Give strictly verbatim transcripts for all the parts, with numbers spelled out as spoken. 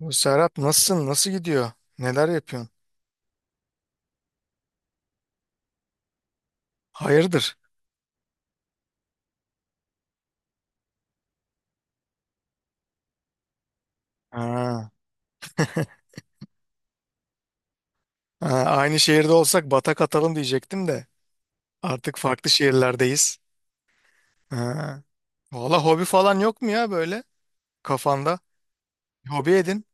Bu Serhat, nasılsın? Nasıl gidiyor? Neler yapıyorsun? Hayırdır? Ha. Ha, aynı şehirde olsak batak atalım diyecektim de. Artık farklı şehirlerdeyiz. Ha. Valla, hobi falan yok mu ya, böyle kafanda? Hobi edin.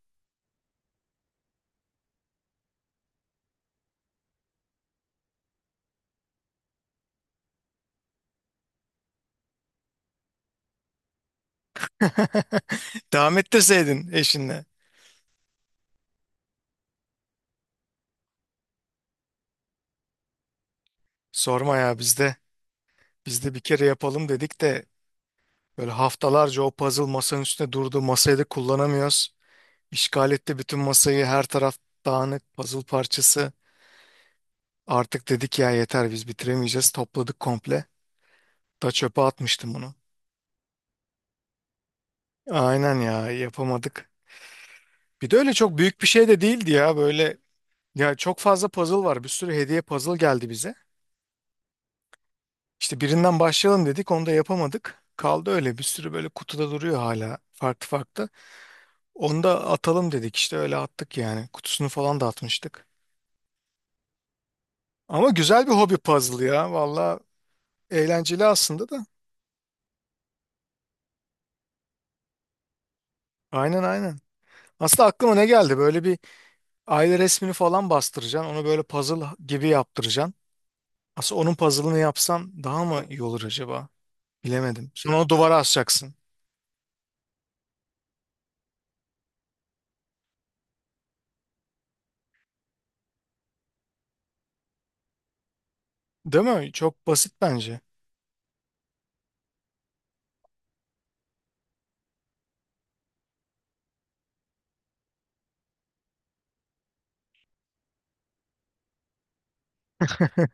Devam ettirseydin eşinle. Sorma ya, bizde. Bizde bir kere yapalım dedik de böyle haftalarca o puzzle masanın üstünde durdu. Masayı da kullanamıyoruz. İşgal etti bütün masayı. Her taraf dağınık puzzle parçası. Artık dedik ya, yeter biz bitiremeyeceğiz. Topladık komple. Da çöpe atmıştım bunu. Aynen ya, yapamadık. Bir de öyle çok büyük bir şey de değildi ya böyle. Ya çok fazla puzzle var. Bir sürü hediye puzzle geldi bize. İşte birinden başlayalım dedik, onu da yapamadık. Kaldı öyle bir sürü böyle kutuda duruyor hala, farklı farklı. Onu da atalım dedik, işte öyle attık yani. Kutusunu falan da atmıştık. Ama güzel bir hobi puzzle ya. Valla eğlenceli aslında da. Aynen, aynen. Aslında aklıma ne geldi, böyle bir aile resmini falan bastıracaksın. Onu böyle puzzle gibi yaptıracaksın. Aslında onun puzzle'ını yapsan daha mı iyi olur acaba? Bilemedim. Sonra onu duvara asacaksın. Değil mi? Çok basit bence.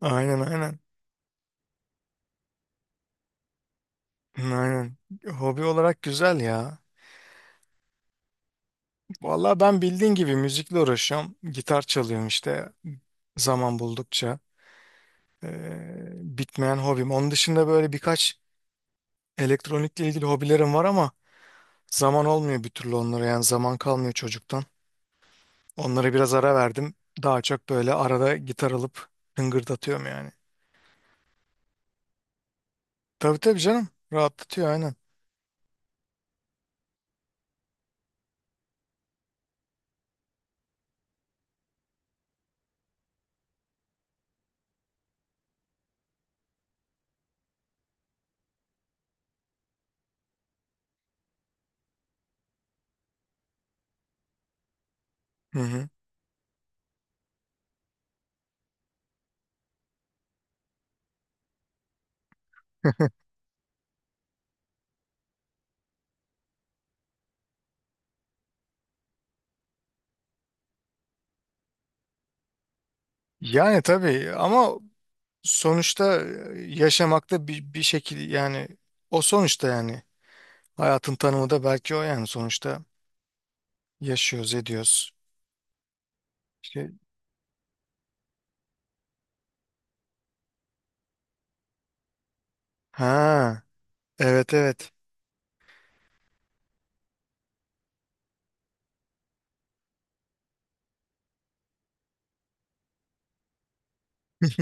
Aynen, aynen. Aynen. Hobi olarak güzel ya. Vallahi ben, bildiğin gibi, müzikle uğraşıyorum. Gitar çalıyorum işte, zaman buldukça. Ee, bitmeyen hobim. Onun dışında böyle birkaç elektronikle ilgili hobilerim var ama zaman olmuyor bir türlü onlara. Yani zaman kalmıyor çocuktan. Onlara biraz ara verdim. Daha çok böyle arada gitar alıp hıngırdatıyorum yani. Tabii tabii canım. Rahatlatıyor, aynen. Hı hı. Yani tabii ama sonuçta yaşamakta bir, bir şekil yani, o sonuçta yani, hayatın tanımı da belki o yani, sonuçta yaşıyoruz, ediyoruz. İşte, ha, evet evet.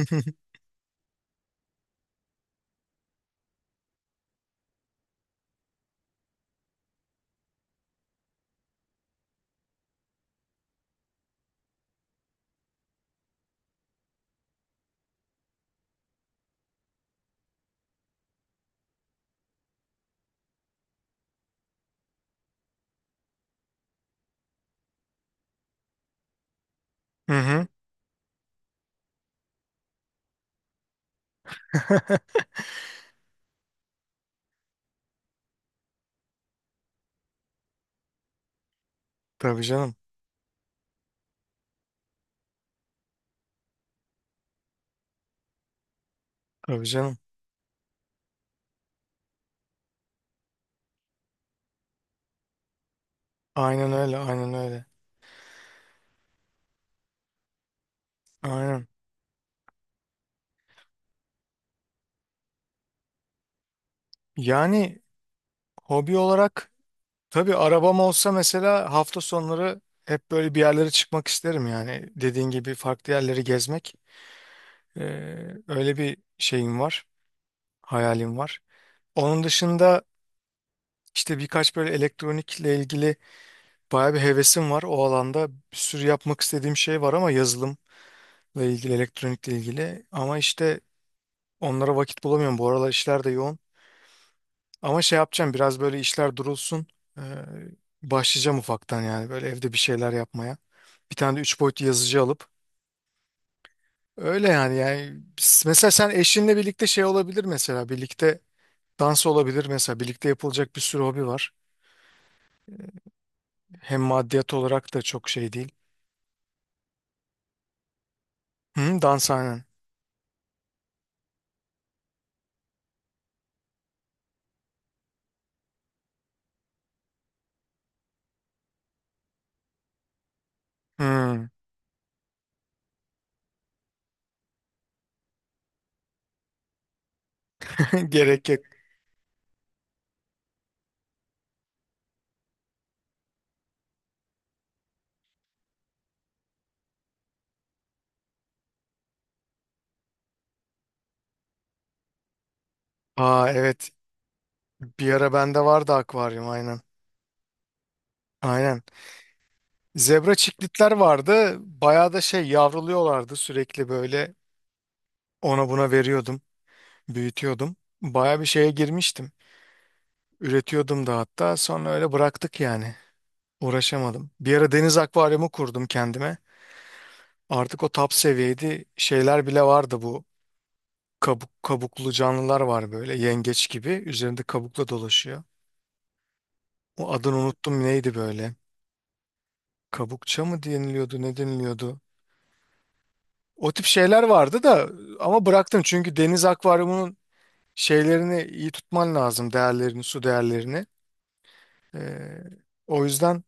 Hı hı. Tabii canım. Tabii canım. Aynen öyle, aynen öyle. Aynen. Yani hobi olarak. Tabii, arabam olsa mesela hafta sonları hep böyle bir yerlere çıkmak isterim yani. Dediğin gibi farklı yerleri gezmek. Ee, öyle bir şeyim var, hayalim var. Onun dışında işte birkaç böyle elektronikle ilgili bayağı bir hevesim var. O alanda bir sürü yapmak istediğim şey var, ama yazılımla ilgili, elektronikle ilgili. Ama işte onlara vakit bulamıyorum. Bu aralar işler de yoğun. Ama şey yapacağım, biraz böyle işler durulsun. Ee, başlayacağım ufaktan yani böyle, evde bir şeyler yapmaya. Bir tane de üç boyutlu yazıcı alıp. Öyle yani yani s- mesela sen eşinle birlikte, şey olabilir mesela birlikte dans olabilir, mesela birlikte yapılacak bir sürü hobi var. Hem maddiyat olarak da çok şey değil. Hı, dans, aynen. Hı, gerek yok. Aa evet, bir ara bende vardı akvaryum, aynen. Aynen. Zebra çiklitler vardı. Bayağı da şey yavruluyorlardı sürekli, böyle ona buna veriyordum. Büyütüyordum. Baya bir şeye girmiştim. Üretiyordum da hatta, sonra öyle bıraktık yani. Uğraşamadım. Bir ara deniz akvaryumu kurdum kendime. Artık o top seviyeydi. Şeyler bile vardı bu. Kabuk, kabuklu canlılar var, böyle yengeç gibi. Üzerinde kabukla dolaşıyor. O, adını unuttum, neydi böyle? Kabukça mı deniliyordu, ne deniliyordu. O tip şeyler vardı da, ama bıraktım çünkü deniz akvaryumunun şeylerini iyi tutman lazım, değerlerini, su değerlerini. Ee, o yüzden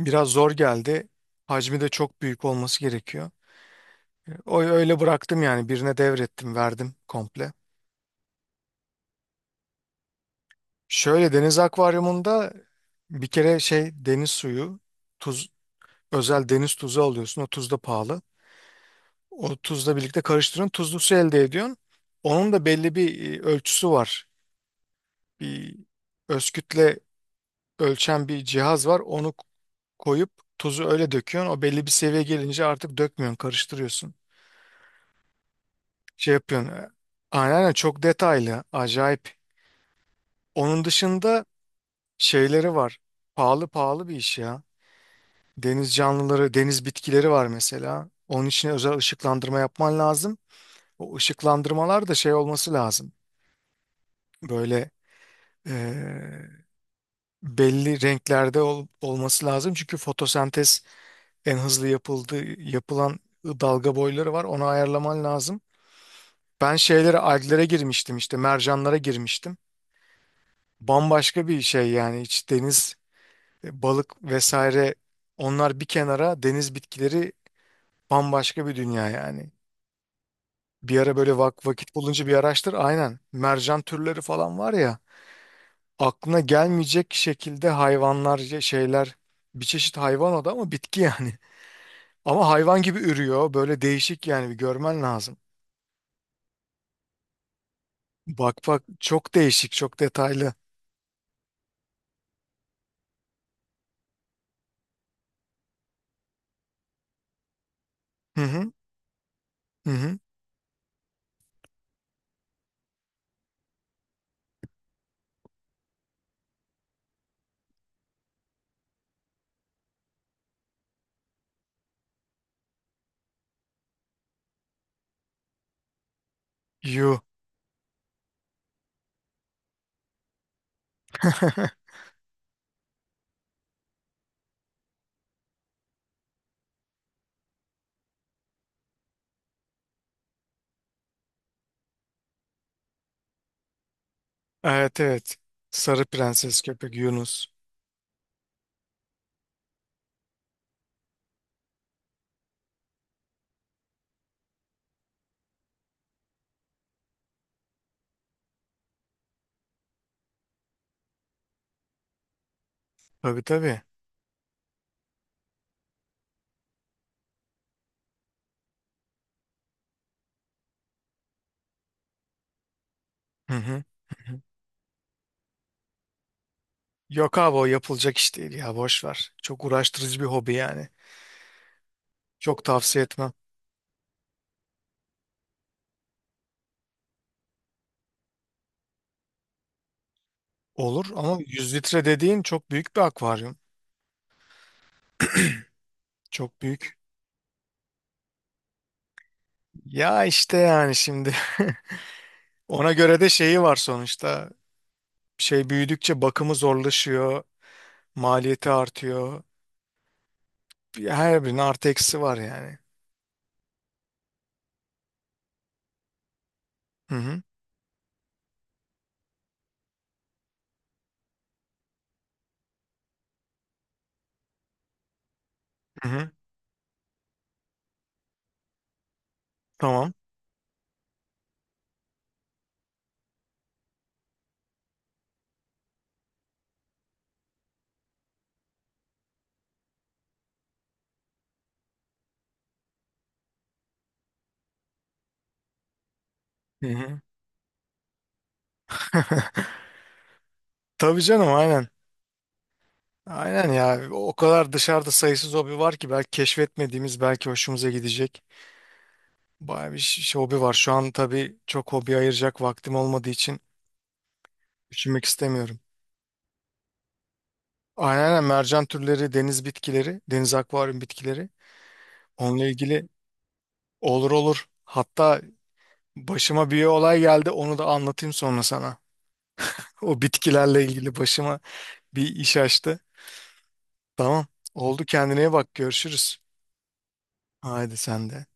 biraz zor geldi. Hacmi de çok büyük olması gerekiyor. O öyle bıraktım yani, birine devrettim, verdim komple. Şöyle, deniz akvaryumunda bir kere şey, deniz suyu, tuz, özel deniz tuzu alıyorsun. O tuz da pahalı. O tuzla birlikte karıştırıyorsun, tuzlu su elde ediyorsun. Onun da belli bir e, ölçüsü var. Bir özkütle ölçen bir cihaz var. Onu koyup tuzu öyle döküyorsun. O belli bir seviye gelince artık dökmüyorsun, karıştırıyorsun. Şey yapıyorsun. e, Aynen aynen, çok detaylı. Acayip. Onun dışında şeyleri var. Pahalı, pahalı bir iş ya. Deniz canlıları, deniz bitkileri var mesela. Onun için özel ışıklandırma yapman lazım. O ışıklandırmalar da şey olması lazım. Böyle e, belli renklerde ol- olması lazım. Çünkü fotosentez en hızlı yapıldığı yapılan dalga boyları var. Onu ayarlaman lazım. Ben şeylere, alglere girmiştim, işte mercanlara girmiştim. Bambaşka bir şey yani, hiç deniz e, balık vesaire, onlar bir kenara, deniz bitkileri bambaşka bir dünya yani. Bir ara böyle vak vakit bulunca bir araştır, aynen, mercan türleri falan var ya, aklına gelmeyecek şekilde hayvanlar ya- şeyler, bir çeşit hayvan o da ama bitki yani. Ama hayvan gibi ürüyor, böyle değişik yani, bir görmen lazım. Bak bak, çok değişik, çok detaylı. Hı hı, hı hı. Yuh. Evet evet. Sarı prenses, köpek Yunus. Tabii tabii. Hı hı. Hı hı. Yok abi, o yapılacak iş değil ya, boş ver. Çok uğraştırıcı bir hobi yani. Çok tavsiye etmem. Olur, ama yüz litre dediğin çok büyük bir akvaryum. Çok büyük. Ya işte yani şimdi ona göre de şeyi var sonuçta. Şey büyüdükçe bakımı zorlaşıyor, maliyeti artıyor. Her birinin artı eksi var yani. Hı hı. Hı hı. Tamam. Hı hı. Tabii canım, aynen. Aynen ya. O kadar dışarıda sayısız hobi var ki, belki keşfetmediğimiz, belki hoşumuza gidecek. Bayağı bir ş- şey, hobi var. Şu an tabii çok hobi ayıracak vaktim olmadığı için düşünmek istemiyorum. Aynen aynen, mercan türleri, deniz bitkileri, deniz akvaryum bitkileri. Onunla ilgili olur, olur. Hatta başıma bir olay geldi, onu da anlatayım sonra sana. O bitkilerle ilgili başıma bir iş açtı. Tamam, oldu, kendine iyi bak, görüşürüz. Haydi sen de.